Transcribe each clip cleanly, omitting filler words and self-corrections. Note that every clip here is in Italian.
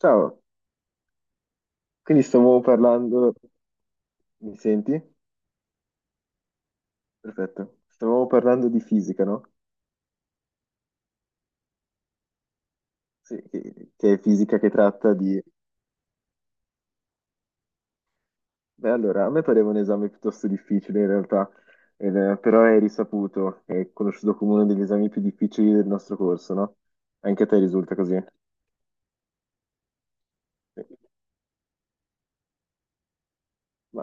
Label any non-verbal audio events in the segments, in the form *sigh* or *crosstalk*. Ciao, quindi stavamo parlando, mi senti? Perfetto, stavamo parlando di fisica, no? Sì, che è fisica che tratta di... Beh, allora, a me pareva un esame piuttosto difficile in realtà, però è risaputo, è conosciuto come uno degli esami più difficili del nostro corso, no? Anche a te risulta così? Sì. Ma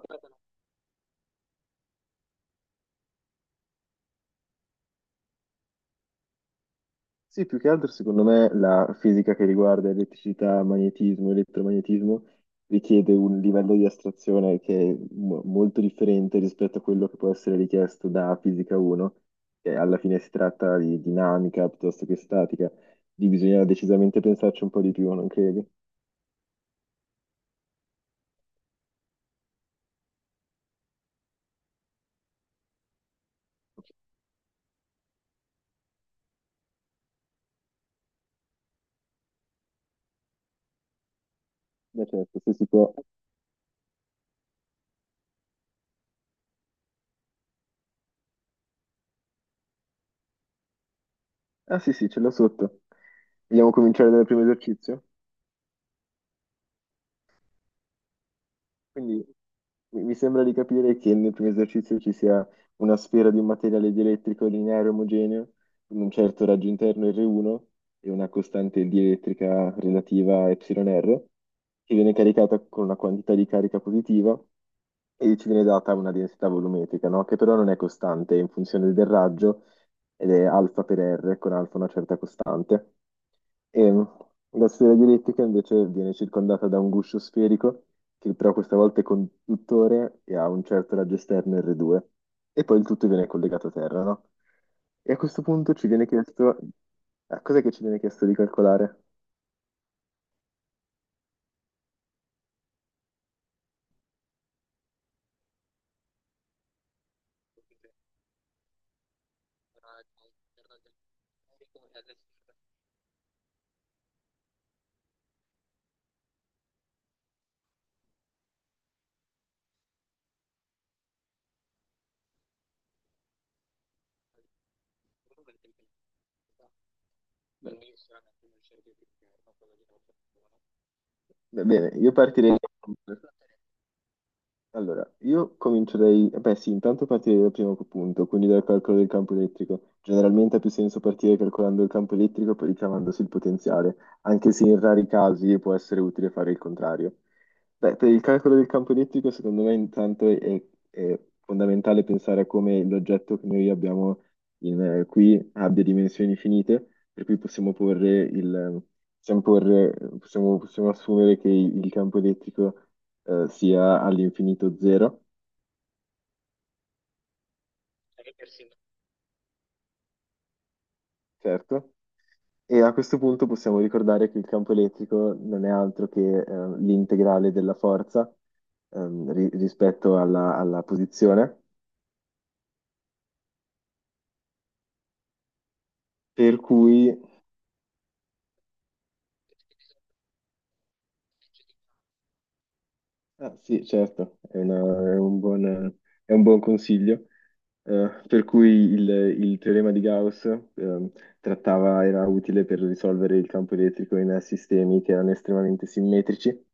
sì, più che altro secondo me la fisica che riguarda elettricità, magnetismo, elettromagnetismo richiede un livello di astrazione che è molto differente rispetto a quello che può essere richiesto da fisica 1, che alla fine si tratta di dinamica piuttosto che statica, di bisogna decisamente pensarci un po' di più, non credi? Beh, certo, se si può. Ah sì, sì, ce l'ho sotto. Vogliamo cominciare dal primo esercizio? Quindi mi sembra di capire che nel primo esercizio ci sia una sfera di un materiale dielettrico lineare omogeneo con un certo raggio interno R1 e una costante dielettrica relativa a εr che viene caricata con una quantità di carica positiva e ci viene data una densità volumetrica, no? Che però non è costante, è in funzione del raggio ed è alfa per R con alfa una certa costante. E mm, la sfera dielettrica invece viene circondata da un guscio sferico che però questa volta è conduttore e ha un certo raggio esterno R2 e poi il tutto viene collegato a terra, no? E a questo punto ci viene chiesto, a cos'è che ci viene chiesto di calcolare? Va bene, io partirei *laughs* Allora, io comincio dai... Beh sì, intanto partirei dal primo punto, quindi dal calcolo del campo elettrico. Generalmente ha più senso partire calcolando il campo elettrico e poi ricavandosi il potenziale, anche se in rari casi può essere utile fare il contrario. Beh, per il calcolo del campo elettrico, secondo me intanto è fondamentale pensare a come l'oggetto che noi abbiamo qui abbia dimensioni finite, per cui possiamo porre il... Possiamo, porre- possiamo possiamo assumere che il campo elettrico sia all'infinito zero, certo. E a questo punto possiamo ricordare che il campo elettrico non è altro che l'integrale della forza, rispetto alla posizione, per cui, ah, sì, certo, è un buon consiglio, per cui il teorema di Gauss trattava, era utile per risolvere il campo elettrico in sistemi che erano estremamente simmetrici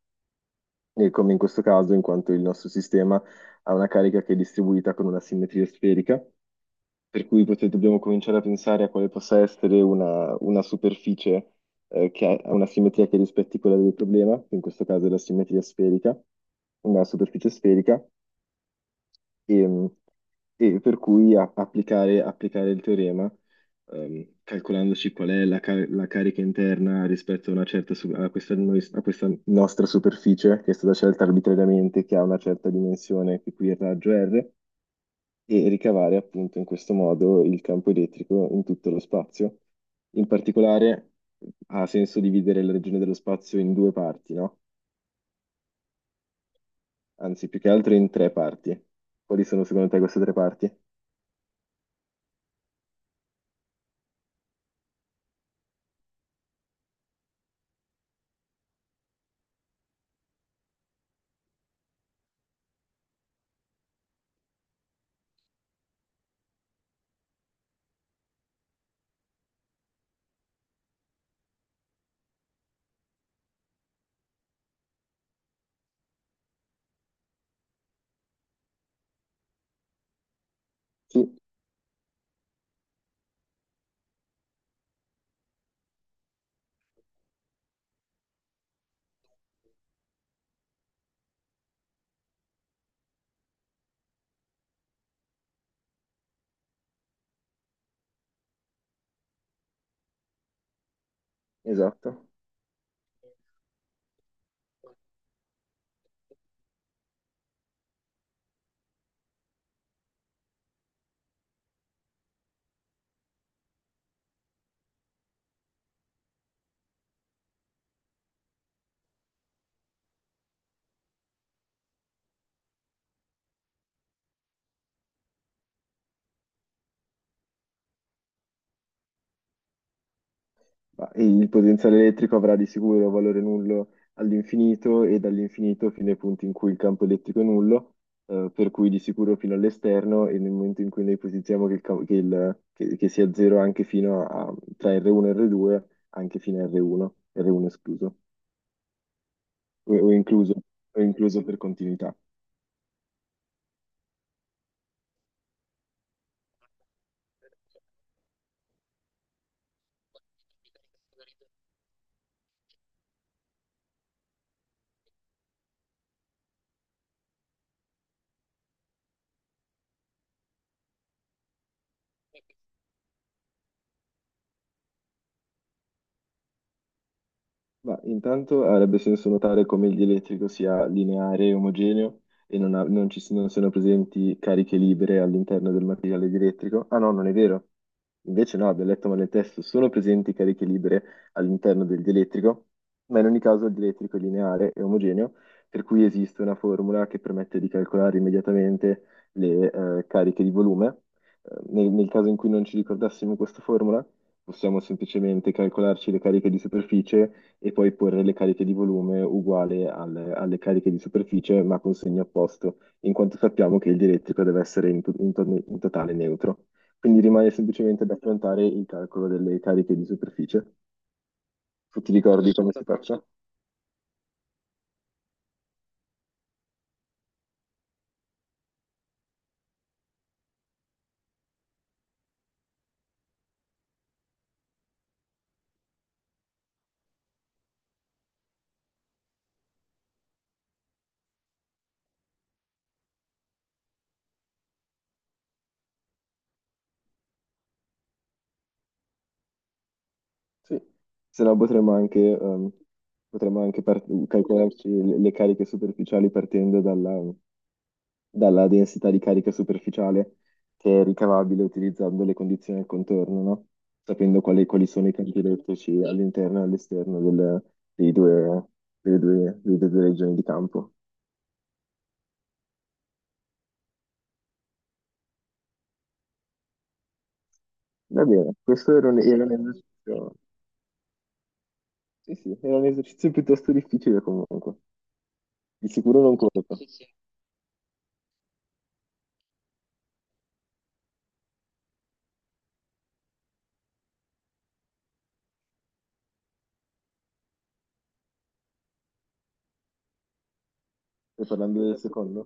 e come in questo caso, in quanto il nostro sistema ha una carica che è distribuita con una simmetria sferica, per cui dobbiamo cominciare a pensare a quale possa essere una superficie che ha una simmetria che rispetti quella del problema, che in questo caso è la simmetria sferica, una superficie sferica, e, e per cui applicare il teorema calcolandoci qual è la carica interna rispetto una certa a questa nostra superficie che è stata scelta arbitrariamente, che ha una certa dimensione, che qui è il raggio R, e ricavare appunto in questo modo il campo elettrico in tutto lo spazio. In particolare ha senso dividere la regione dello spazio in due parti, no? Anzi, più che altro in tre parti. Quali sono secondo te queste tre parti? Sì, esatto. Ma il potenziale elettrico avrà di sicuro valore nullo all'infinito e dall'infinito fino ai punti in cui il campo elettrico è nullo, per cui di sicuro fino all'esterno e nel momento in cui noi ipotizziamo che, il cam- che il- che sia zero anche fino a, tra R1 e R2, anche fino a R1, R1 escluso, o, o incluso, o incluso per continuità. Ma intanto avrebbe senso notare come il dielettrico sia lineare e omogeneo e non ci siano, non siano presenti cariche libere all'interno del materiale dielettrico. Ah no, non è vero. Invece no, abbiamo letto male il testo, sono presenti cariche libere all'interno del dielettrico, ma in ogni caso il dielettrico è lineare e omogeneo, per cui esiste una formula che permette di calcolare immediatamente le cariche di volume. Nel nel caso in cui non ci ricordassimo questa formula, possiamo semplicemente calcolarci le cariche di superficie e poi porre le cariche di volume uguale alle cariche di superficie, ma con segno opposto, in quanto sappiamo che il dielettrico deve essere in totale neutro. Quindi rimane semplicemente da affrontare il calcolo delle cariche di superficie. Tu ti ricordi come si faccia? Sì, se no potremmo potremmo anche calcolarci le cariche superficiali partendo dalla densità di carica superficiale che è ricavabile utilizzando le condizioni al contorno, no? Sapendo quali sono i campi elettrici all'interno e all'esterno dei due, delle due regioni di campo. Va bene, questo era era un esercizio, sì, sì, era un esercizio piuttosto difficile comunque, di sicuro non corto. Stai parlando del secondo?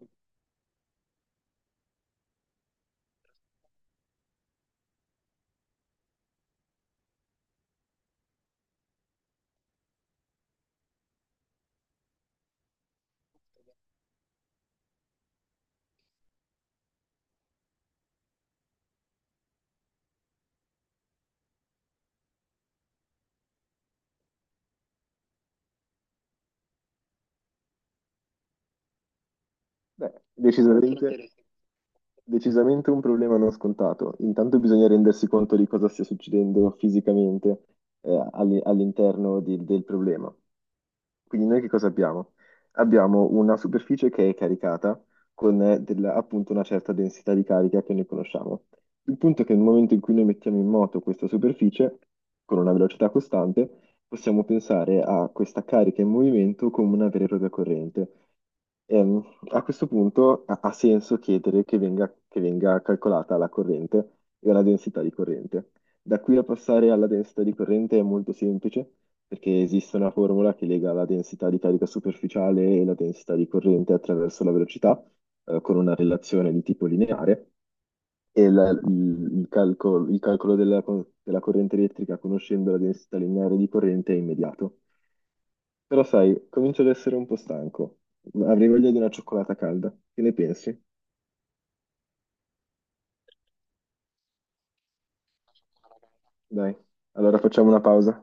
Beh, decisamente, decisamente un problema non scontato. Intanto bisogna rendersi conto di cosa stia succedendo fisicamente del problema. Quindi noi che cosa abbiamo? Abbiamo una superficie che è caricata con appunto una certa densità di carica che noi conosciamo. Il punto è che nel momento in cui noi mettiamo in moto questa superficie con una velocità costante, possiamo pensare a questa carica in movimento come una vera e propria corrente. Ehm, A questo punto ha senso chiedere che venga calcolata la corrente e la densità di corrente. Da qui a passare alla densità di corrente è molto semplice, perché esiste una formula che lega la densità di carica superficiale e la densità di corrente attraverso la velocità con una relazione di tipo lineare e il calcolo della corrente elettrica conoscendo la densità lineare di corrente è immediato. Però sai, comincio ad essere un po' stanco. Avrei voglia di una cioccolata calda. Che ne pensi? Dai, allora facciamo una pausa.